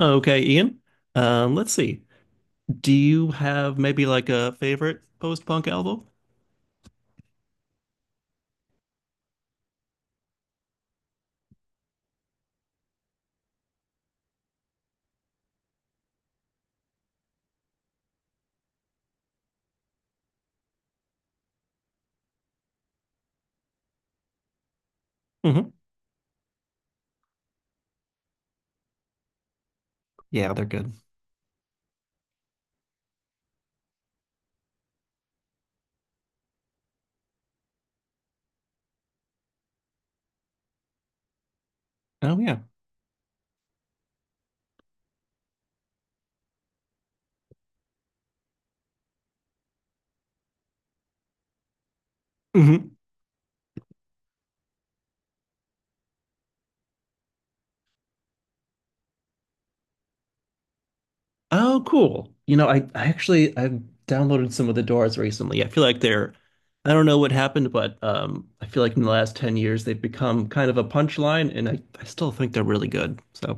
Okay, Ian. Let's see. Do you have maybe like a favorite post-punk album? Hmm. Yeah, they're good. Oh yeah. Hmm. Oh, cool. You know, I actually I've downloaded some of the Doors recently. I feel like they're, I don't know what happened, but I feel like in the last 10 years they've become kind of a punchline and I still think they're really good. So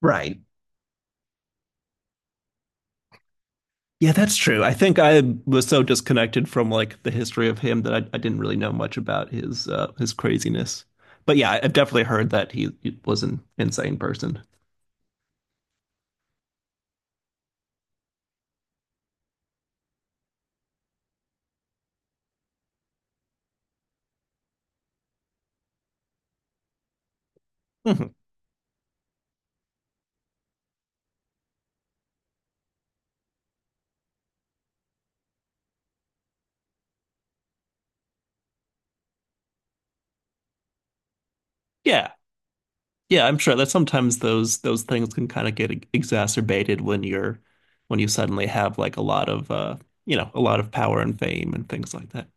right. Yeah, that's true. I think I was so disconnected from like the history of him that I didn't really know much about his craziness. But yeah, I've definitely heard that he was an insane person. Mhm. Yeah. Yeah, I'm sure that sometimes those things can kind of get exacerbated when you're, when you suddenly have like a lot of a lot of power and fame and things like that.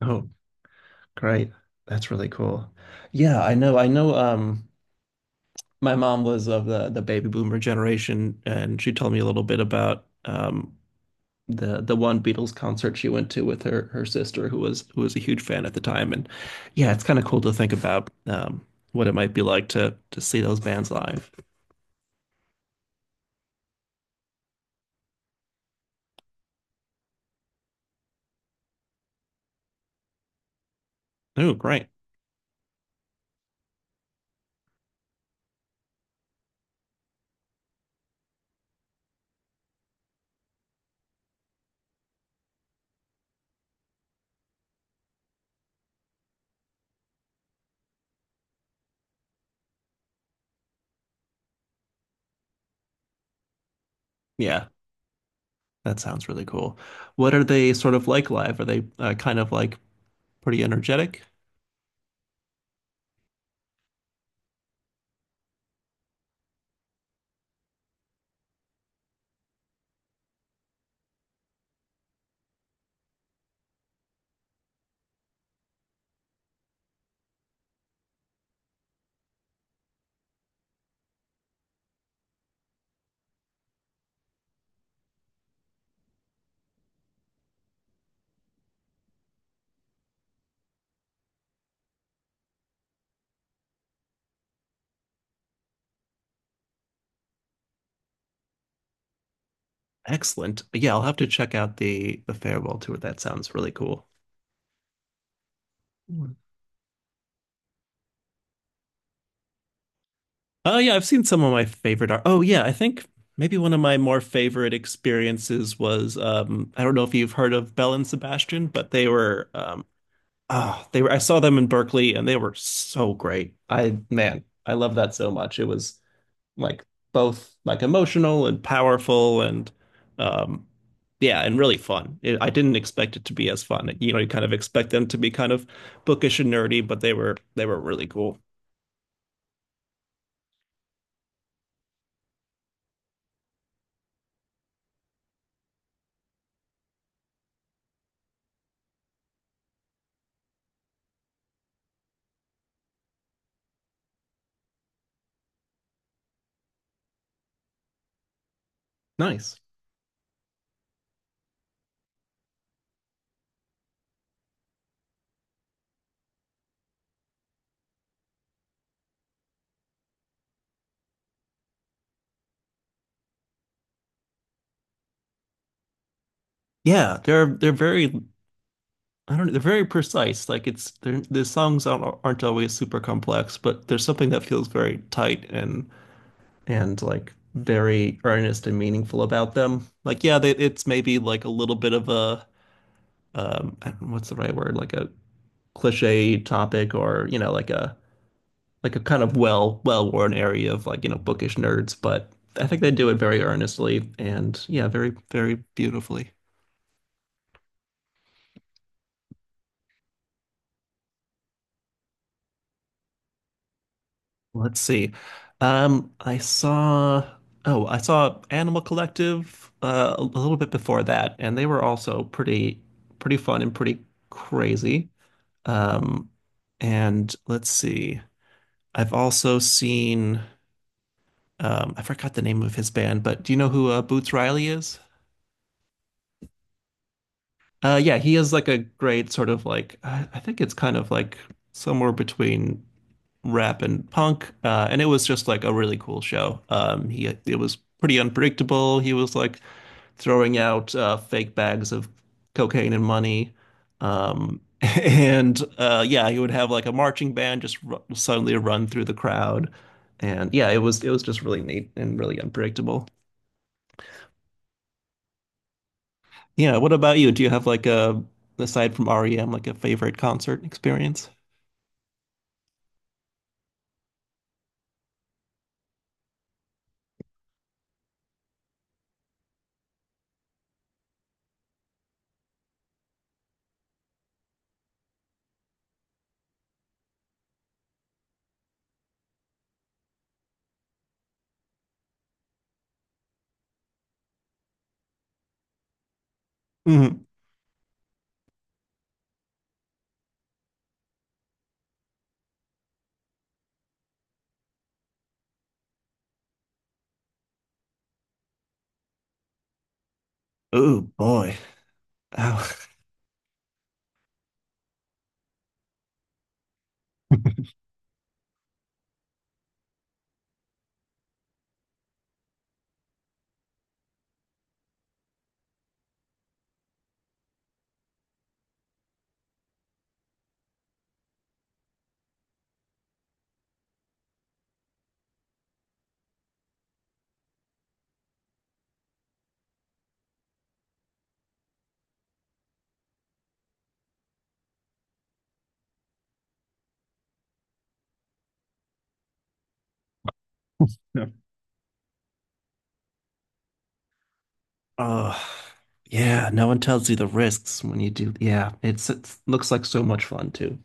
Oh, great. That's really cool. Yeah, I know. I know my mom was of the baby boomer generation and she told me a little bit about the one Beatles concert she went to with her sister who was, who was a huge fan at the time, and yeah, it's kind of cool to think about what it might be like to see those bands live. Oh, great. Yeah, that sounds really cool. What are they sort of like live? Are they, kind of like pretty energetic? Excellent. Yeah, I'll have to check out the farewell tour. That sounds really cool. Oh yeah, I've seen some of my favorite art. Oh yeah, I think maybe one of my more favorite experiences was I don't know if you've heard of Belle and Sebastian, but they were oh, they were, I saw them in Berkeley and they were so great. I man, I love that so much. It was like both like emotional and powerful and um yeah, and really fun. It, I didn't expect it to be as fun. You know, you kind of expect them to be kind of bookish and nerdy, but they were really cool. Nice. Yeah, they're very, I don't know, they're very precise. Like it's they're, the songs aren't always super complex, but there's something that feels very tight and like very earnest and meaningful about them. Like yeah, they, it's maybe like a little bit of a I don't know, what's the right word? Like a cliche topic or, you know, like a kind of well-worn area of, like, you know, bookish nerds, but I think they do it very earnestly and yeah, very beautifully. Let's see. Um, I saw, oh, I saw Animal Collective a little bit before that, and they were also pretty, pretty fun and pretty crazy. Um, and let's see. I've also seen, I forgot the name of his band, but do you know who Boots Riley is? Yeah, he is like a great sort of like, I think it's kind of like somewhere between rap and punk, and it was just like a really cool show. He, it was pretty unpredictable. He was like throwing out fake bags of cocaine and money, and yeah, he would have like a marching band just r suddenly run through the crowd, and yeah, it was just really neat and really unpredictable. Yeah, what about you? Do you have like a, aside from REM, like a favorite concert experience? Hmm. Oh boy. Ow. Yeah. Oh, yeah. No one tells you the risks when you do. Yeah, it's, it looks like so much fun too.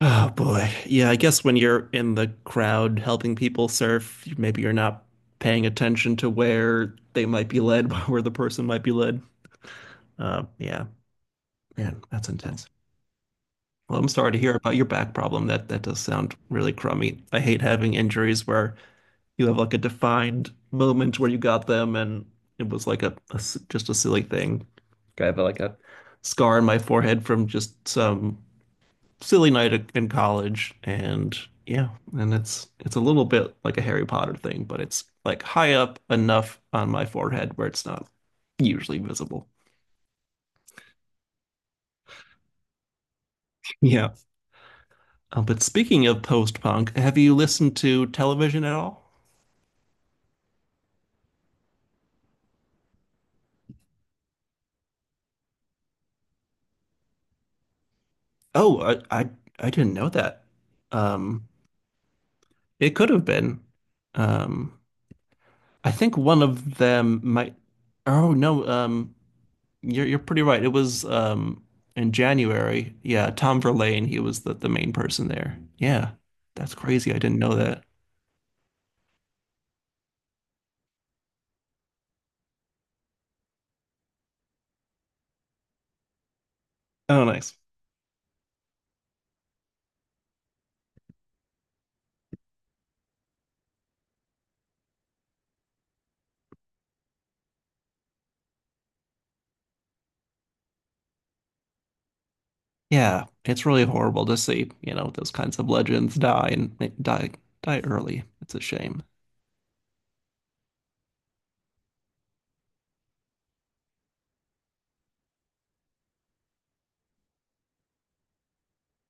Oh boy. Yeah, I guess when you're in the crowd helping people surf, maybe you're not paying attention to where they might be led, where the person might be led. Yeah, man, that's intense. Well, I'm sorry to hear about your back problem. That does sound really crummy. I hate having injuries where you have like a defined moment where you got them, and it was like just a silly thing. I have like a scar on my forehead from just some silly in college, and yeah, and it's a little bit like a Harry Potter thing, but it's like high up enough on my forehead where it's not usually visible. Yeah. But speaking of post-punk, have you listened to Television at all? Oh, I didn't know that. Um, it could have been. Um, I think one of them might. Oh no, you're pretty right. It was in January. Yeah, Tom Verlaine. He was the main person there. Yeah, that's crazy. I didn't know that. Oh, nice. Yeah, it's really horrible to see, you know, those kinds of legends die and die early. It's a shame.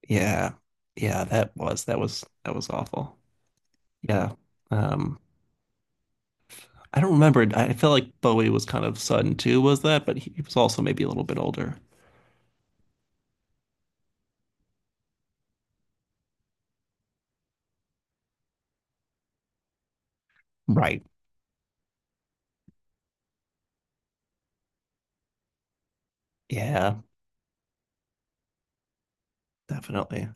Yeah, yeah, that was that was awful. Yeah. Um, I don't remember. I feel like Bowie was kind of sudden too, was that? But he was also maybe a little bit older. Right. Yeah, definitely.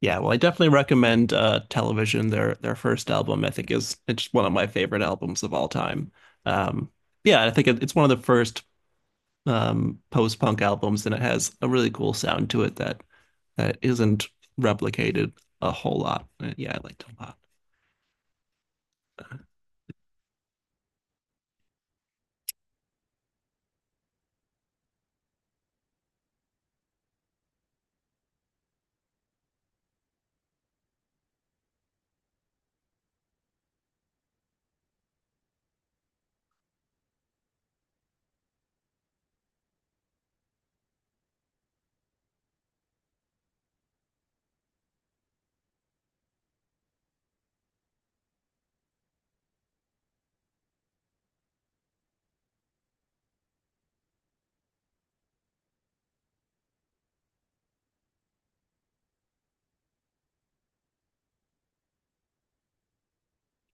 Yeah, well, I definitely recommend Television. Their first album, I think is it's one of my favorite albums of all time. Um yeah, I think it, it's one of the first post-punk albums and it has a really cool sound to it that that isn't replicated a whole lot. Yeah, I liked it a lot.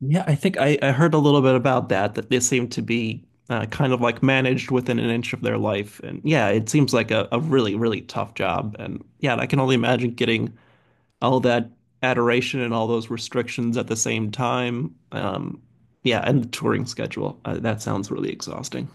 Yeah, I think I heard a little bit about that, that they seem to be kind of like managed within an inch of their life. And yeah, it seems like a really, really tough job. And yeah, I can only imagine getting all that adoration and all those restrictions at the same time. Yeah, and the touring schedule. That sounds really exhausting.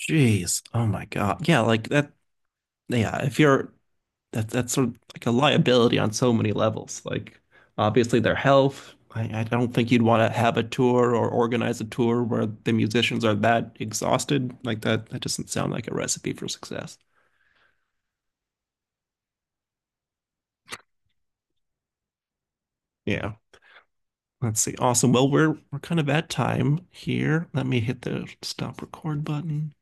Jeez. Oh my God. Yeah, like that. Yeah, if you're that, that's sort of like a liability on so many levels. Like obviously their health. I don't think you'd want to have a tour or organize a tour where the musicians are that exhausted. Like that, that doesn't sound like a recipe for success. Yeah. Let's see. Awesome. Well, we're kind of at time here. Let me hit the stop record button.